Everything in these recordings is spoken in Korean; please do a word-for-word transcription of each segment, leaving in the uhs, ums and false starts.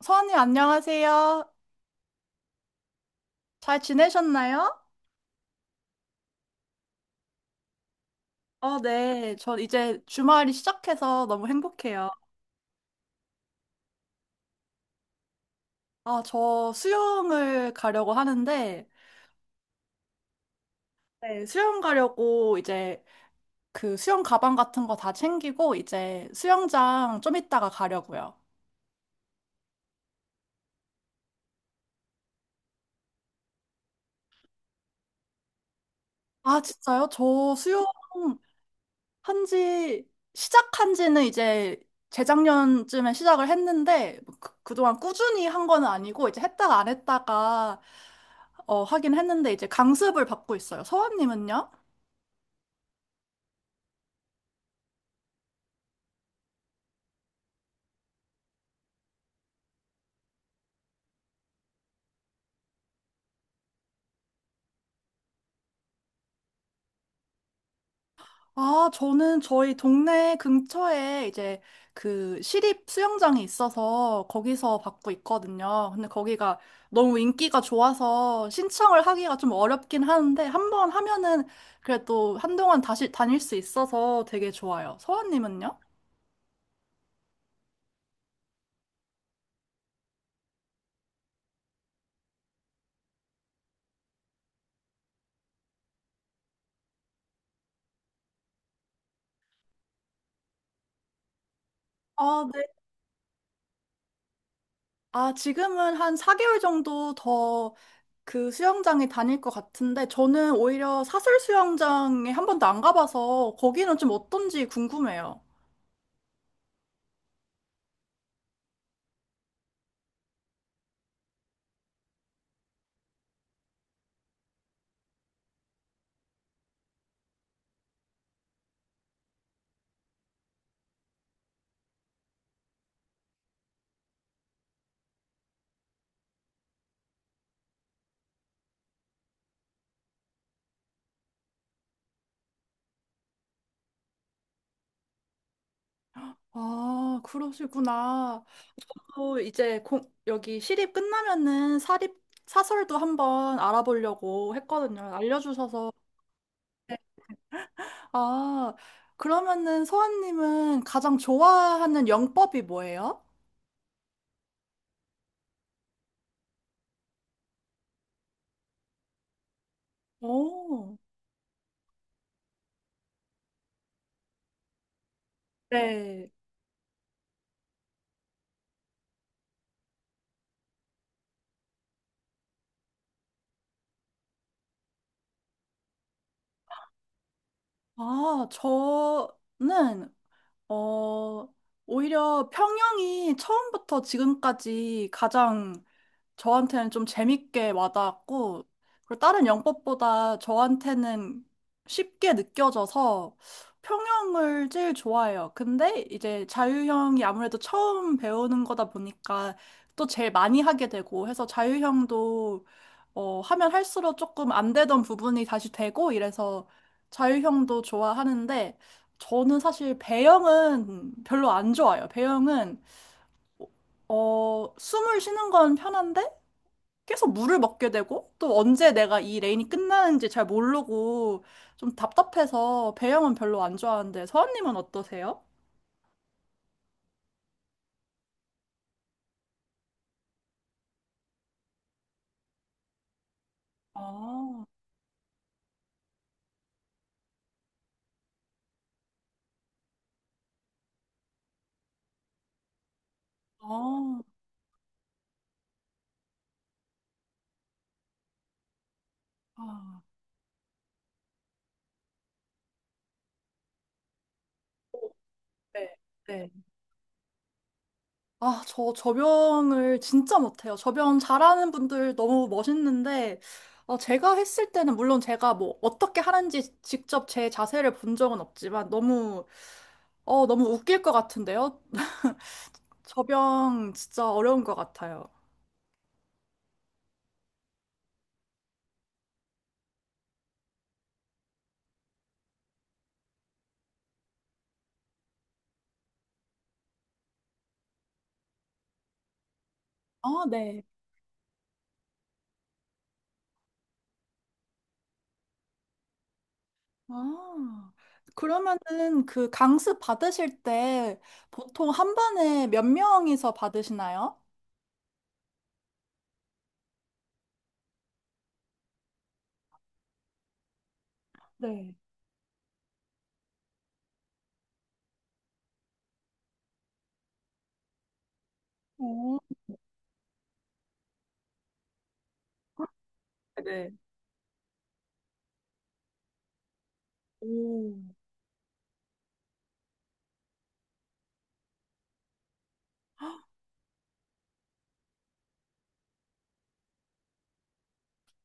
서원님 안녕하세요. 잘 지내셨나요? 어, 네. 저 이제 주말이 시작해서 너무 행복해요. 아, 저 수영을 가려고 하는데, 네, 수영 가려고 이제 그 수영 가방 같은 거 다 챙기고, 이제 수영장 좀 이따가 가려고요. 아, 진짜요? 저 수영, 한지 시작한 지는 이제 재작년쯤에 시작을 했는데 뭐 그, 그동안 꾸준히 한 거는 아니고 이제 했다가 안 했다가 어, 하긴 했는데 이제 강습을 받고 있어요. 서원님은요? 아, 저는 저희 동네 근처에 이제 그 시립 수영장이 있어서 거기서 받고 있거든요. 근데 거기가 너무 인기가 좋아서 신청을 하기가 좀 어렵긴 하는데 한번 하면은 그래도 한동안 다시 다닐 수 있어서 되게 좋아요. 서원님은요? 아, 네. 아, 지금은 한 사 개월 정도 더 그 수영장에 다닐 것 같은데, 저는 오히려 사설 수영장에 한 번도 안 가봐서 거기는 좀 어떤지 궁금해요. 아, 그러시구나. 또 이제 공, 여기 시립 끝나면은 사립 사설도 한번 알아보려고 했거든요. 알려주셔서. 아, 그러면은 서아님은 가장 좋아하는 영법이 뭐예요? 오, 네. 아, 저는, 어, 오히려 평영이 처음부터 지금까지 가장 저한테는 좀 재밌게 와닿았고, 그리고 다른 영법보다 저한테는 쉽게 느껴져서 평형을 제일 좋아해요. 근데 이제 자유형이 아무래도 처음 배우는 거다 보니까 또 제일 많이 하게 되고 해서 자유형도 어, 하면 할수록 조금 안 되던 부분이 다시 되고 이래서 자유형도 좋아하는데 저는 사실 배영은 별로 안 좋아요. 배영은 어, 숨을 쉬는 건 편한데 계속 물을 먹게 되고 또 언제 내가 이 레인이 끝나는지 잘 모르고 좀 답답해서 배영은 별로 안 좋아하는데 서원님은 어떠세요? 아, 아, 아. 네, 네. 아, 저 접영을 진짜 못해요. 접영 잘하는 분들 너무 멋있는데, 어, 제가 했을 때는 물론 제가 뭐 어떻게 하는지 직접 제 자세를 본 적은 없지만 너무, 어, 너무 웃길 것 같은데요? 접영 진짜 어려운 것 같아요. 아, 네. 아, 그러면은 그 강습 받으실 때 보통 한 반에 몇 명이서 받으시나요? 네. 오. 네. 오.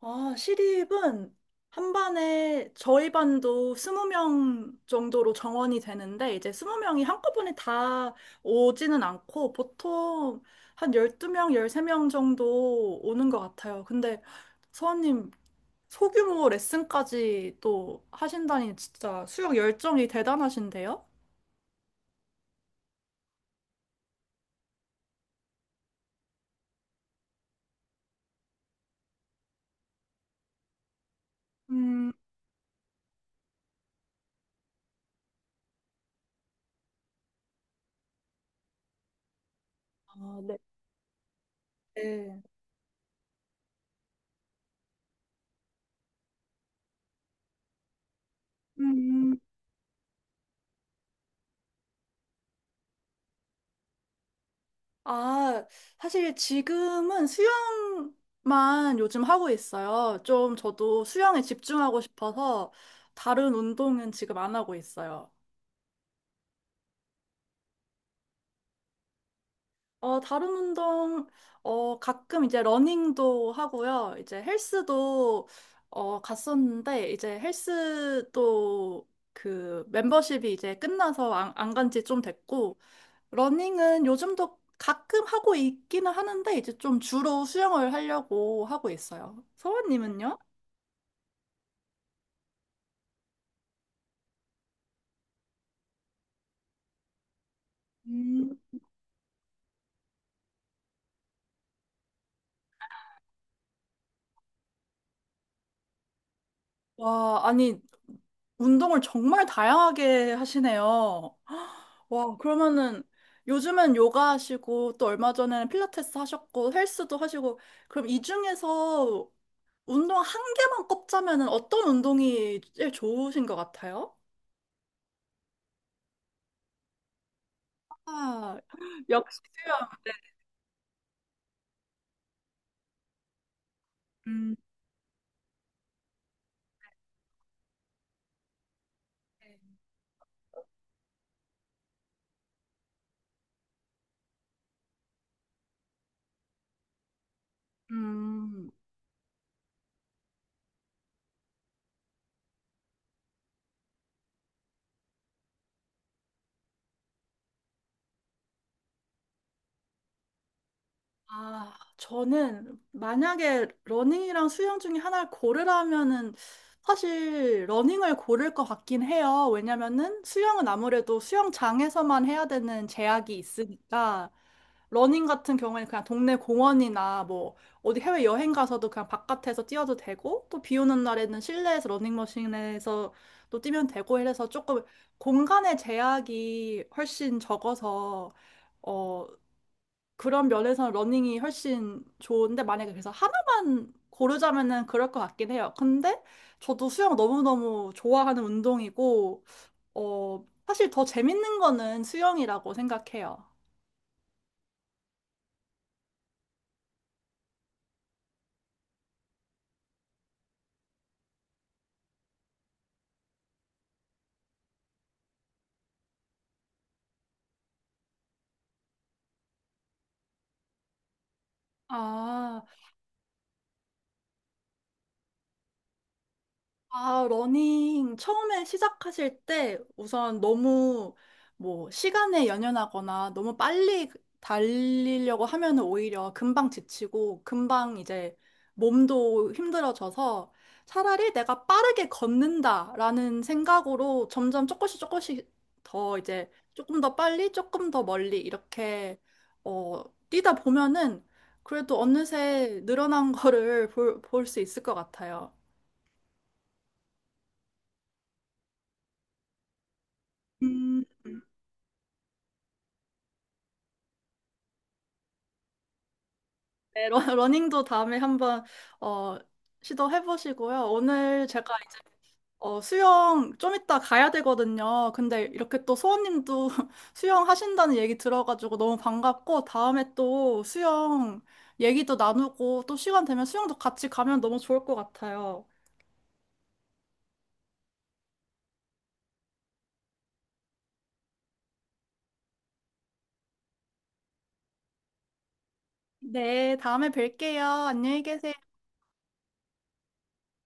아, 시립은 한 반에 저희 반도 스무 명 정도로 정원이 되는데 이제 스무 명이 한꺼번에 다 오지는 않고 보통 한 열두 명 열세 명 정도 오는 것 같아요. 근데 서원님 소규모 레슨까지 또 하신다니 진짜 수영 열정이 대단하신데요? 음, 아, 네. 네. 음, 아, 사실 지금은 수영만 요즘 하고 있어요. 좀 저도 수영에 집중하고 싶어서 다른 운동은 지금 안 하고 있어요. 어, 다른 운동, 어, 가끔 이제 러닝도 하고요. 이제 헬스도, 어, 갔었는데, 이제 헬스도 그 멤버십이 이제 끝나서 안, 안간 지 좀 됐고, 러닝은 요즘도 가끔 하고 있기는 하는데, 이제 좀 주로 수영을 하려고 하고 있어요. 서원님은요? 음. 와, 아니, 운동을 정말 다양하게 하시네요. 와, 그러면은 요즘은 요가 하시고 또 얼마 전에는 필라테스 하셨고 헬스도 하시고 그럼 이 중에서 운동 한 개만 꼽자면은 어떤 운동이 제일 좋으신 것 같아요? 아, 역시 수영. 네. 음, 음. 아, 저는 만약에 러닝이랑 수영 중에 하나를 고르라면은 사실 러닝을 고를 것 같긴 해요. 왜냐면은 수영은 아무래도 수영장에서만 해야 되는 제약이 있으니까 러닝 같은 경우에는 그냥 동네 공원이나 뭐 어디 해외 여행 가서도 그냥 바깥에서 뛰어도 되고 또 비 오는 날에는 실내에서 러닝머신에서 또 뛰면 되고 이래서 조금 공간의 제약이 훨씬 적어서 어, 그런 면에서는 러닝이 훨씬 좋은데 만약에 그래서 하나만 고르자면은 그럴 것 같긴 해요. 근데 저도 수영 너무너무 좋아하는 운동이고, 어, 사실 더 재밌는 거는 수영이라고 생각해요. 아. 아, 러닝 처음에 시작하실 때 우선 너무 뭐 시간에 연연하거나 너무 빨리 달리려고 하면은 오히려 금방 지치고 금방 이제 몸도 힘들어져서 차라리 내가 빠르게 걷는다라는 생각으로 점점 조금씩 조금씩 더 이제 조금 더 빨리 조금 더 멀리 이렇게 어, 뛰다 보면은 그래도 어느새 늘어난 거를 볼, 볼 수 있을 것 같아요. 음. 네, 러- 러닝도 다음에 한번 어, 시도해 보시고요. 오늘 제가 이제 어, 수영 좀 이따 가야 되거든요. 근데 이렇게 또 소원님도 수영 하신다는 얘기 들어가지고 너무 반갑고 다음에 또 수영 얘기도 나누고 또 시간 되면 수영도 같이 가면 너무 좋을 것 같아요. 네, 다음에 뵐게요. 안녕히 계세요.